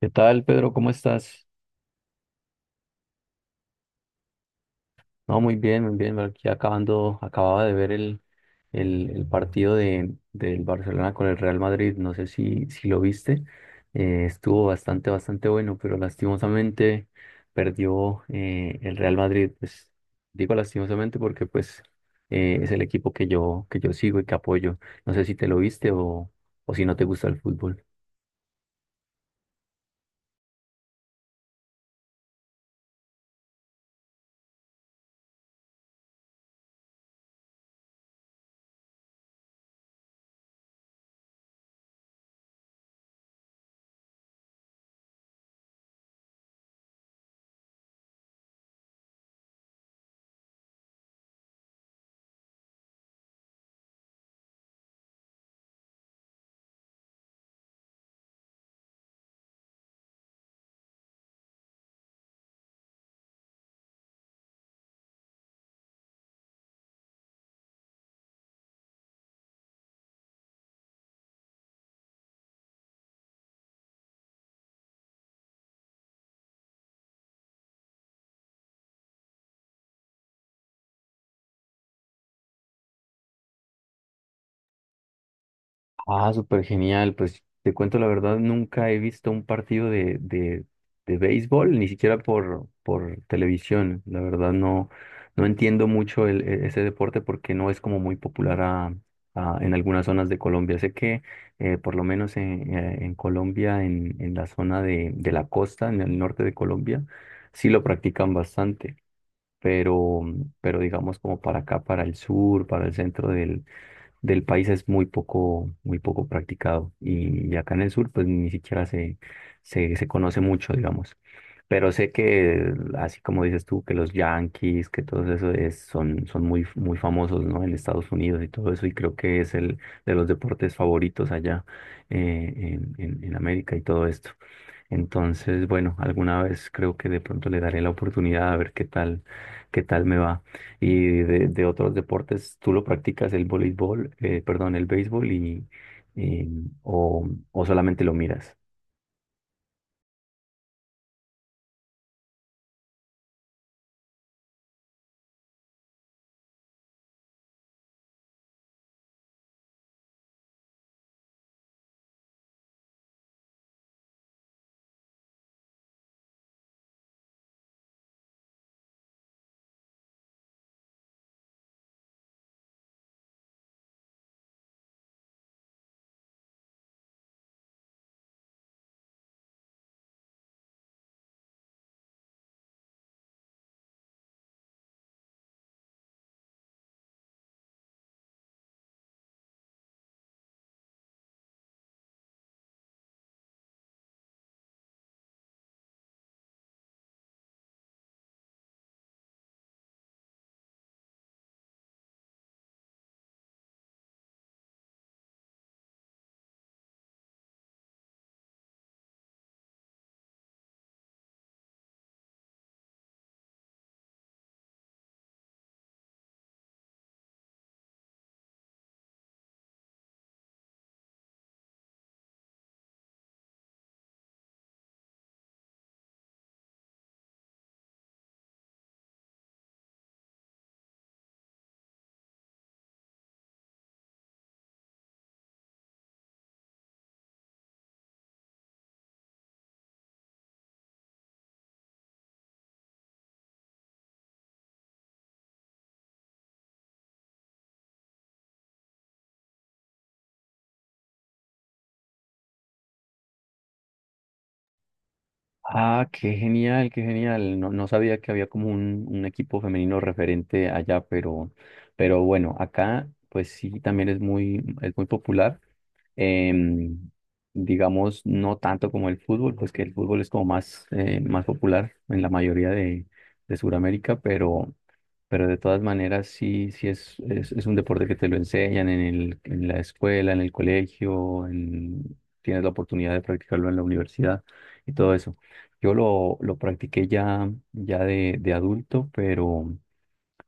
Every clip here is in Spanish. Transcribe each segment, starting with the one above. ¿Qué tal, Pedro? ¿Cómo estás? No, muy bien, muy bien. Aquí acababa de ver el partido del Barcelona con el Real Madrid. No sé si lo viste. Estuvo bastante, bastante bueno, pero lastimosamente perdió el Real Madrid. Pues digo lastimosamente porque pues es el equipo que yo sigo y que apoyo. No sé si te lo viste o si no te gusta el fútbol. Ah, súper genial. Pues te cuento la verdad, nunca he visto un partido de béisbol, ni siquiera por televisión. La verdad no, no entiendo mucho ese deporte porque no es como muy popular en algunas zonas de Colombia. Sé que por lo menos en Colombia, en la zona de la costa, en el norte de Colombia, sí lo practican bastante. Pero, pero digamos como para acá, para el sur, para el centro del país es muy poco practicado. Y acá en el sur, pues ni siquiera se conoce mucho, digamos. Pero sé que, así como dices tú, que los Yankees, que todo eso son muy, muy famosos, ¿no? En Estados Unidos y todo eso, y creo que es el de los deportes favoritos allá en América y todo esto. Entonces, bueno, alguna vez creo que de pronto le daré la oportunidad a ver qué tal me va y de otros deportes, tú lo practicas el voleibol, perdón, el béisbol y, o solamente lo miras. Ah, qué genial, qué genial. No, no sabía que había como un equipo femenino referente allá, pero, bueno, acá pues sí también es muy popular. Em, digamos, no tanto como el fútbol, pues que el fútbol es como más popular en la mayoría de Sudamérica, pero de todas maneras sí, sí es un deporte que te lo enseñan en la escuela, en el colegio, tienes la oportunidad de practicarlo en la universidad y todo eso. Yo lo practiqué ya de adulto, pero,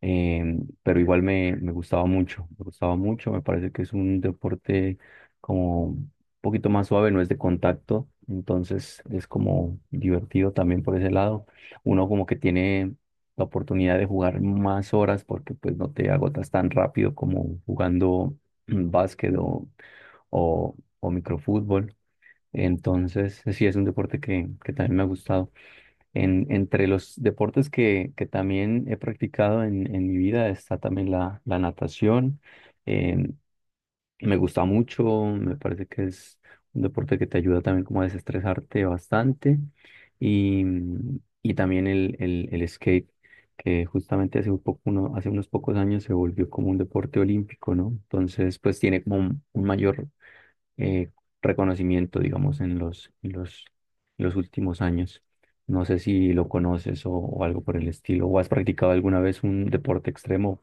pero igual me gustaba mucho, me gustaba mucho, me parece que es un deporte como un poquito más suave, no es de contacto, entonces es como divertido también por ese lado. Uno como que tiene la oportunidad de jugar más horas porque pues no te agotas tan rápido como jugando básquet o, o microfútbol, entonces sí es un deporte que también me ha gustado. Entre los deportes que también he practicado en mi vida está también la natación. Eh, me gusta mucho, me parece que es un deporte que te ayuda también como a desestresarte bastante. Y, y también el skate, que justamente hace unos pocos años se volvió como un deporte olímpico, ¿no? Entonces, pues tiene como un mayor eh, reconocimiento, digamos, en los últimos años. No sé si lo conoces o algo por el estilo, o has practicado alguna vez un deporte extremo.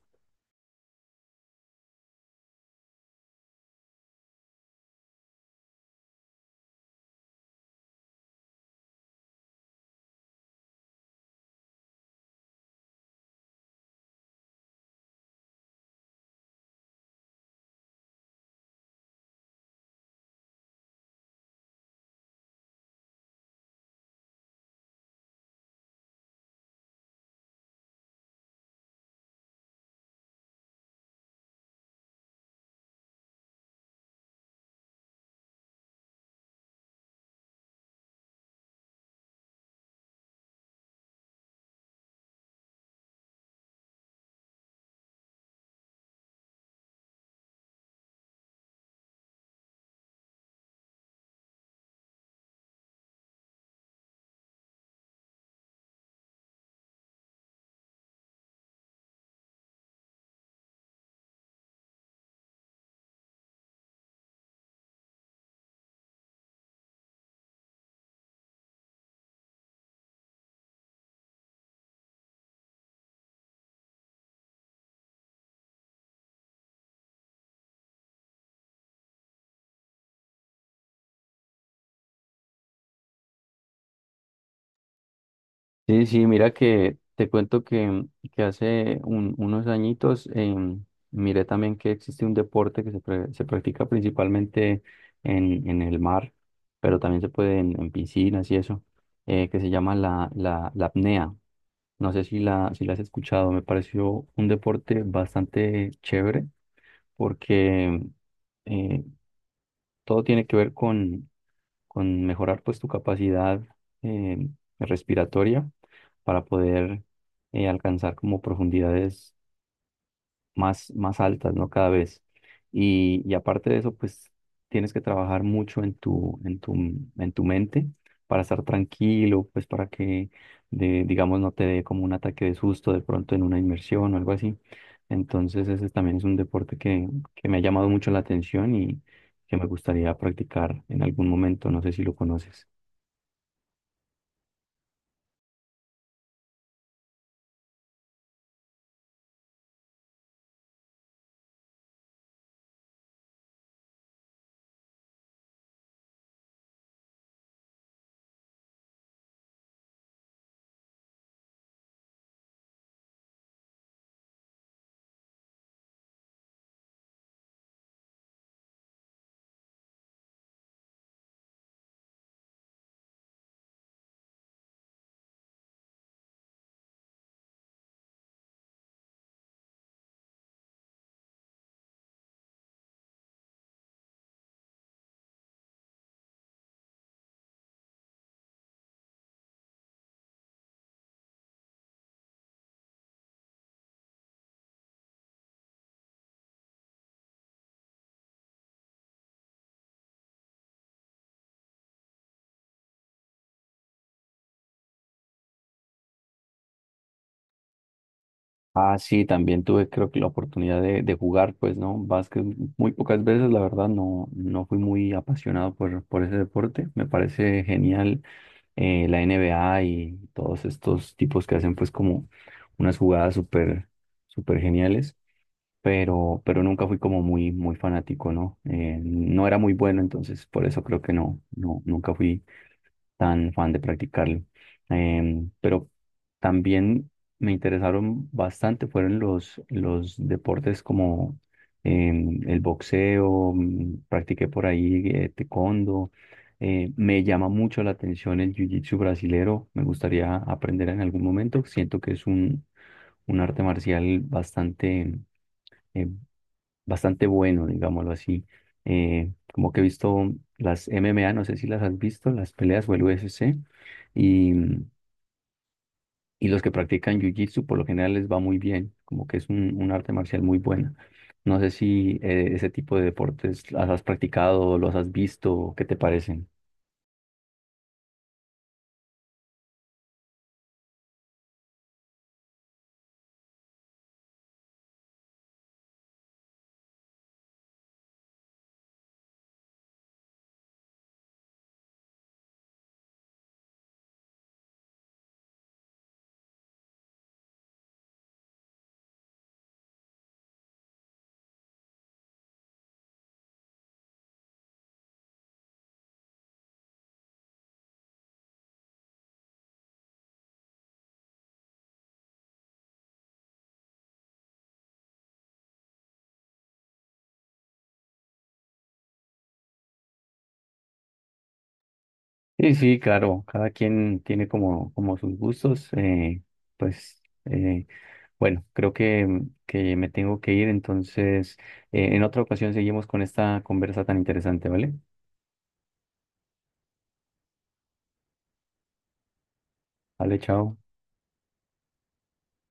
Sí, sí, mira que te cuento que, hace unos añitos, miré también que existe un deporte que se practica principalmente en el mar, pero también se puede en piscinas y eso, que se llama la apnea. No sé si la has escuchado, me pareció un deporte bastante chévere porque eh, todo tiene que ver con mejorar pues tu capacidad eh, respiratoria para poder alcanzar como profundidades más, más altas, ¿no? Cada vez. Y aparte de eso, pues tienes que trabajar mucho en tu, en tu mente para estar tranquilo, pues para que, digamos, no te dé como un ataque de susto de pronto en una inmersión o algo así. Entonces, ese también es un deporte que me ha llamado mucho la atención y que me gustaría practicar en algún momento. No sé si lo conoces. Ah, sí, también tuve creo que la oportunidad de jugar, pues, ¿no? Básquet muy pocas veces, la verdad, no, no fui muy apasionado por ese deporte. Me parece genial la N B A y todos estos tipos que hacen pues como unas jugadas súper, súper geniales, pero, nunca fui como muy, muy fanático, ¿no? No era muy bueno, entonces por eso creo que no, no, nunca fui tan fan de practicarlo. Pero también me interesaron bastante, fueron los deportes como el boxeo, practiqué por ahí taekwondo. Me llama mucho la atención el jiu-jitsu brasilero, me gustaría aprender en algún momento, siento que es un arte marcial eh, bastante bueno, digámoslo así. Como que he visto las MMA, no sé si las has visto, las peleas o el UFC, y, y los que practican Jiu-Jitsu por lo general les va muy bien, como que es un arte marcial muy buena. No sé si ese tipo de deportes las has practicado, los has visto, ¿qué te parecen? Sí, sí, claro, cada quien tiene como sus gustos, pues eh, bueno, creo que me tengo que ir, entonces en otra ocasión seguimos con esta conversa tan interesante, ¿vale? Vale, chao.